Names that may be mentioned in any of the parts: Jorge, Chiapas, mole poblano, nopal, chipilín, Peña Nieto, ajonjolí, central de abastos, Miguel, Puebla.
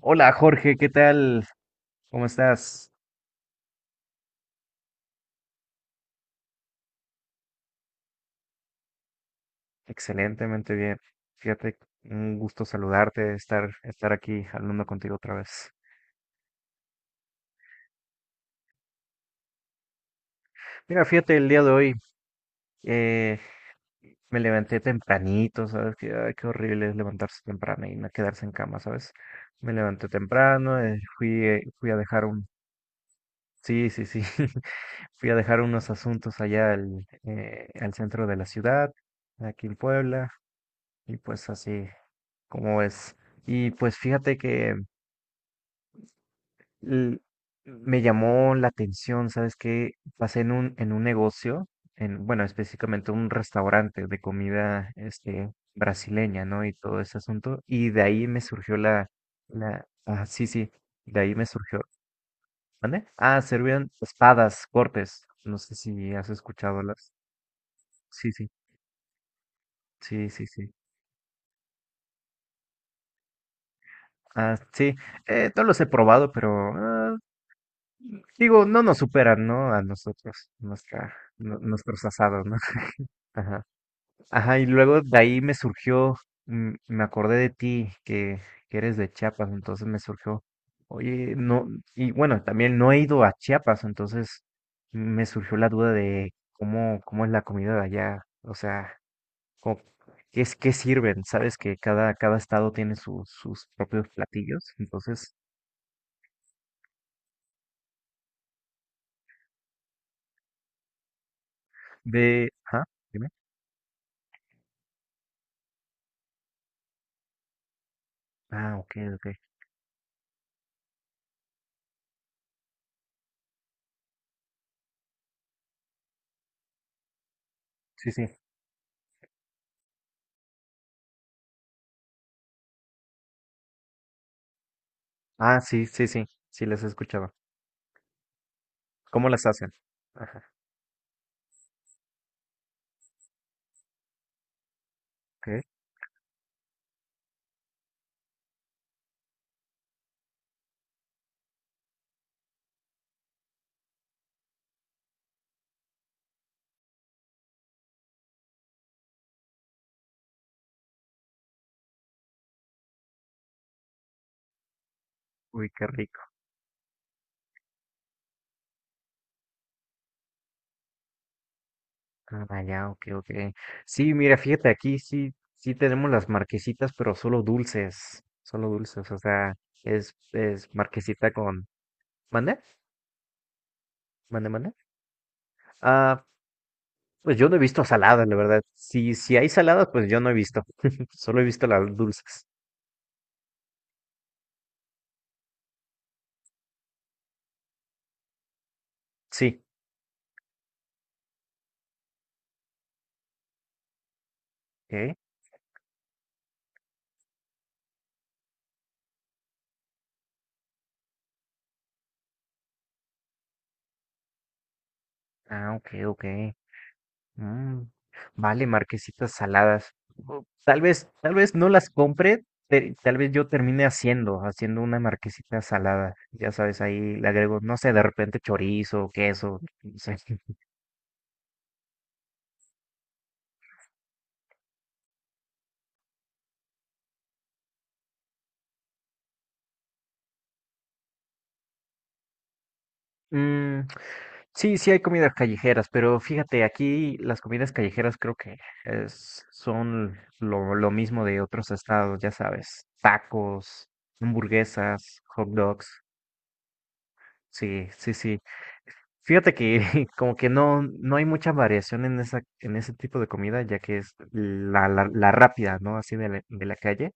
Hola Jorge, ¿qué tal? ¿Cómo estás? Excelentemente bien. Fíjate, un gusto saludarte, estar aquí hablando contigo otra vez. Mira, fíjate, el día de hoy eh, me levanté tempranito, ¿sabes? Que, ay, qué horrible es levantarse temprano y no quedarse en cama, ¿sabes? Me levanté temprano, fui a dejar un... Sí, sí, sí. Fui a dejar unos asuntos allá al, al centro de la ciudad, aquí en Puebla, y pues así. ¿Cómo es? Y pues fíjate que l- me llamó la atención, ¿sabes qué? Pasé en un negocio, en, bueno, específicamente un restaurante de comida, este, brasileña, ¿no? Y todo ese asunto. Y de ahí me surgió sí, sí, de ahí me surgió, ¿dónde? Ah, servían espadas, cortes. No sé si has escuchado las. Sí, sí, sí, sí, sí. Ah, sí, no los he probado, pero ah, digo, no nos superan, ¿no? A nosotros, nuestros asados, ¿no? Ajá. Ajá, y luego de ahí me surgió, me acordé de ti, que eres de Chiapas, entonces me surgió, oye, no, y bueno, también no he ido a Chiapas, entonces me surgió la duda de cómo es la comida de allá, o sea, cómo- qué es, qué sirven, sabes que cada estado tiene sus propios platillos, entonces, de, ajá, dime. Ah, ok, ok. Sí, sí. Ah, sí, sí, sí, sí las he escuchado. ¿Cómo las hacen? Ajá, ok. Uy, qué rico. Ah, ya, ok, ok. Sí, mira, fíjate, aquí sí, sí tenemos las marquesitas, pero solo dulces, o sea, es marquesita con... ¿Mande? ¿Mande, mande? Ah, pues yo no he visto saladas, la verdad. Si hay saladas, pues yo no he visto. Solo he visto las dulces. Sí. ¿Qué? Ah, ok, ok. Mm, vale, marquesitas saladas. O tal vez, tal vez no las compre, tal vez yo termine haciendo una marquesita salada. Ya sabes, ahí le agrego, no sé, de repente chorizo, queso, no sé. Mm, sí, sí hay comidas callejeras, pero fíjate, aquí las comidas callejeras creo que son lo mismo de otros estados, ya sabes, tacos, hamburguesas, hot dogs. Sí, sí, sí. Fíjate que como que no, no hay mucha variación en esa, en ese tipo de comida, ya que es la rápida, ¿no? Así de la calle.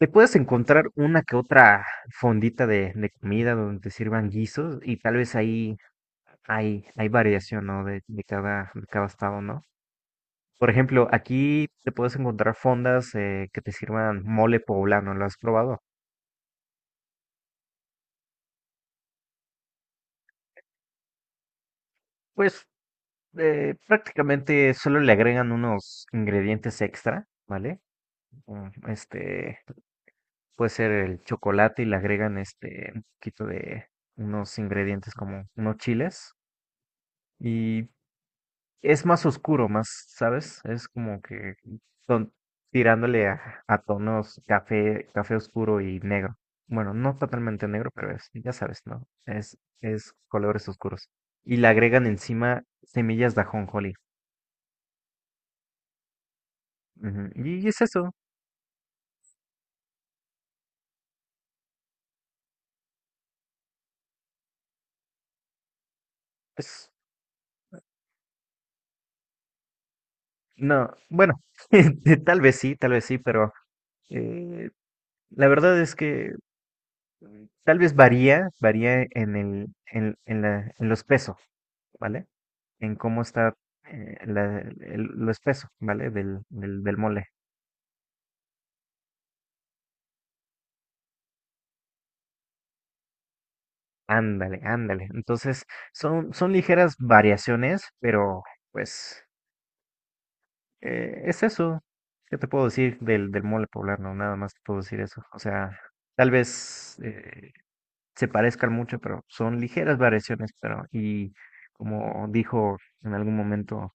Te puedes encontrar una que otra fondita de comida donde te sirvan guisos y tal vez ahí hay variación, ¿no? De cada estado, ¿no? Por ejemplo, aquí te puedes encontrar fondas que te sirvan mole poblano, ¿lo has probado? Pues prácticamente solo le agregan unos ingredientes extra, ¿vale? Este puede ser el chocolate y le agregan este un poquito de unos ingredientes como unos chiles y es más oscuro, más, ¿sabes? Es como que son tirándole a tonos café, café oscuro y negro. Bueno, no totalmente negro, pero es, ya sabes, ¿no? Es colores oscuros. Y le agregan encima semillas de ajonjolí. Ujú, y es eso. Es, no, bueno, tal vez sí, pero eh, la verdad es que tal vez varía en el, en la, en los pesos, ¿vale? En cómo está los pesos, ¿vale? Del mole. Ándale, ándale. Entonces, son ligeras variaciones, pero pues es eso. ¿Qué te puedo decir del mole poblano? Nada más te puedo decir eso. O sea, tal vez se parezcan mucho, pero son ligeras variaciones, pero y como dijo en algún momento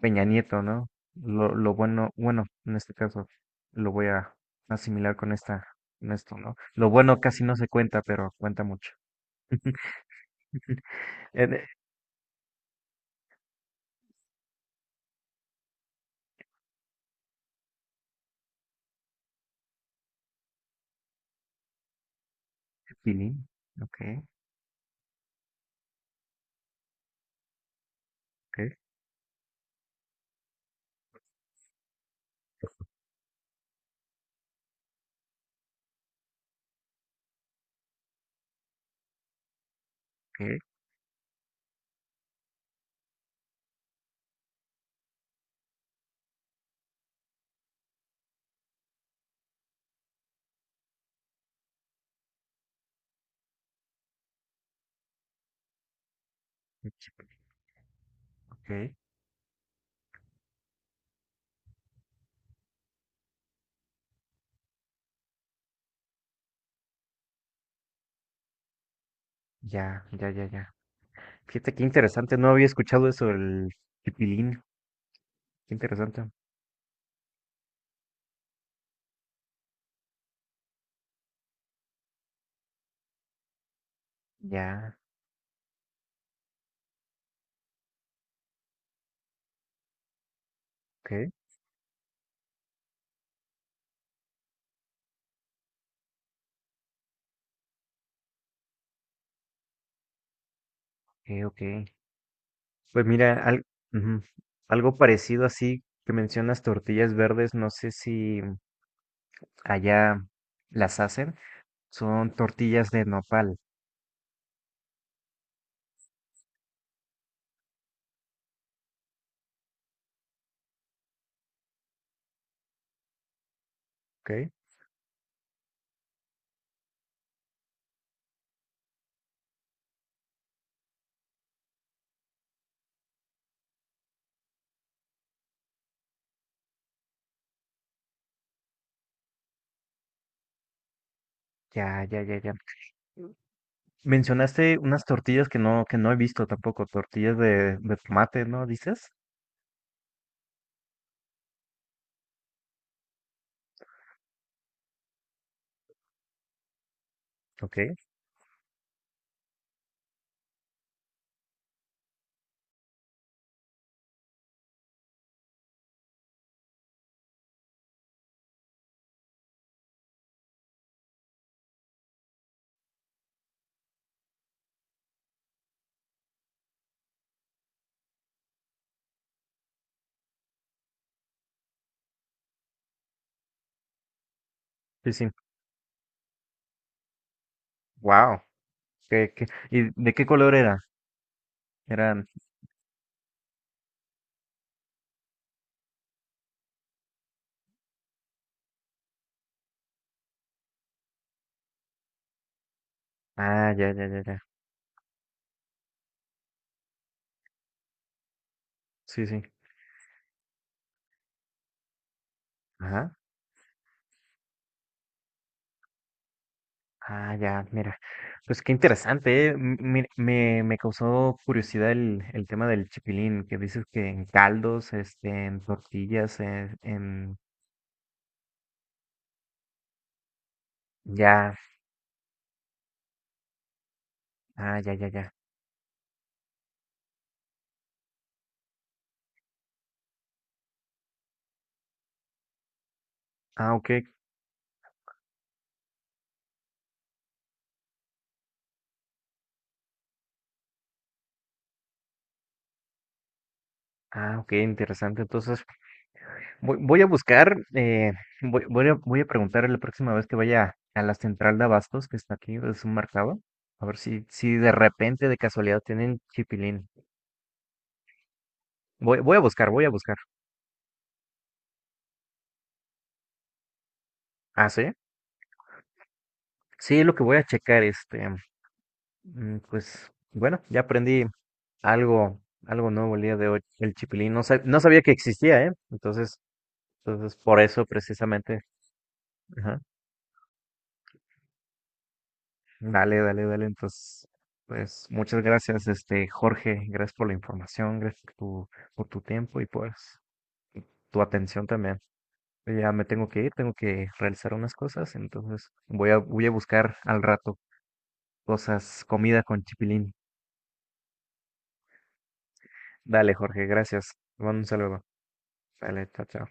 Peña Nieto, ¿no? Lo bueno, bueno, en este caso, lo voy a asimilar con esta, con esto, ¿no? Lo bueno casi no se cuenta, pero cuenta mucho. En- eh, Pilín, ok, ok, ok, ok, ya, ya, ya, ya. Fíjate qué interesante, no había escuchado eso del el pilín, qué interesante. Ya, ok, ok, ok. Pues mira, ujú, algo parecido así que mencionas tortillas verdes, no sé si allá las hacen. Son tortillas de nopal, ¿ok? Ya, ya, ya, ya. Mencionaste unas tortillas que no he visto tampoco, tortillas de tomate, ¿no? ¿Dices? Ok, sí, sí. Wow. ¿Qué, qué? ¿Y de qué color era? Eran. Ah, ya, ya, ya, ya. Sí, sí. Ajá. Ah, ya, mira. Pues qué interesante, ¿eh? Me causó curiosidad el tema del chipilín, que dices que en caldos, este, en tortillas, en... Ya, ah, ya, ya, ya. Ah, ok. Ah, ok, interesante. Entonces, voy a buscar, voy a preguntar la próxima vez que vaya a la central de abastos que está aquí, es un mercado, a ver si de repente, de casualidad, tienen chipilín. Voy a buscar, voy a buscar. Ah, ¿sí? Sí, lo que voy a checar, este, pues, bueno, ya aprendí algo, algo nuevo el día de hoy, el chipilín. No, no sabía que existía, ¿eh? Entonces, por eso precisamente. Ajá. Dale, dale, dale. Entonces, pues muchas gracias, este Jorge. Gracias por la información, gracias por tu tiempo y pues tu atención también. Ya me tengo que ir, tengo que realizar unas cosas, entonces voy a buscar al rato cosas, comida con chipilín. Dale, Jorge, gracias. Te mando un saludo. Dale, chao, chao.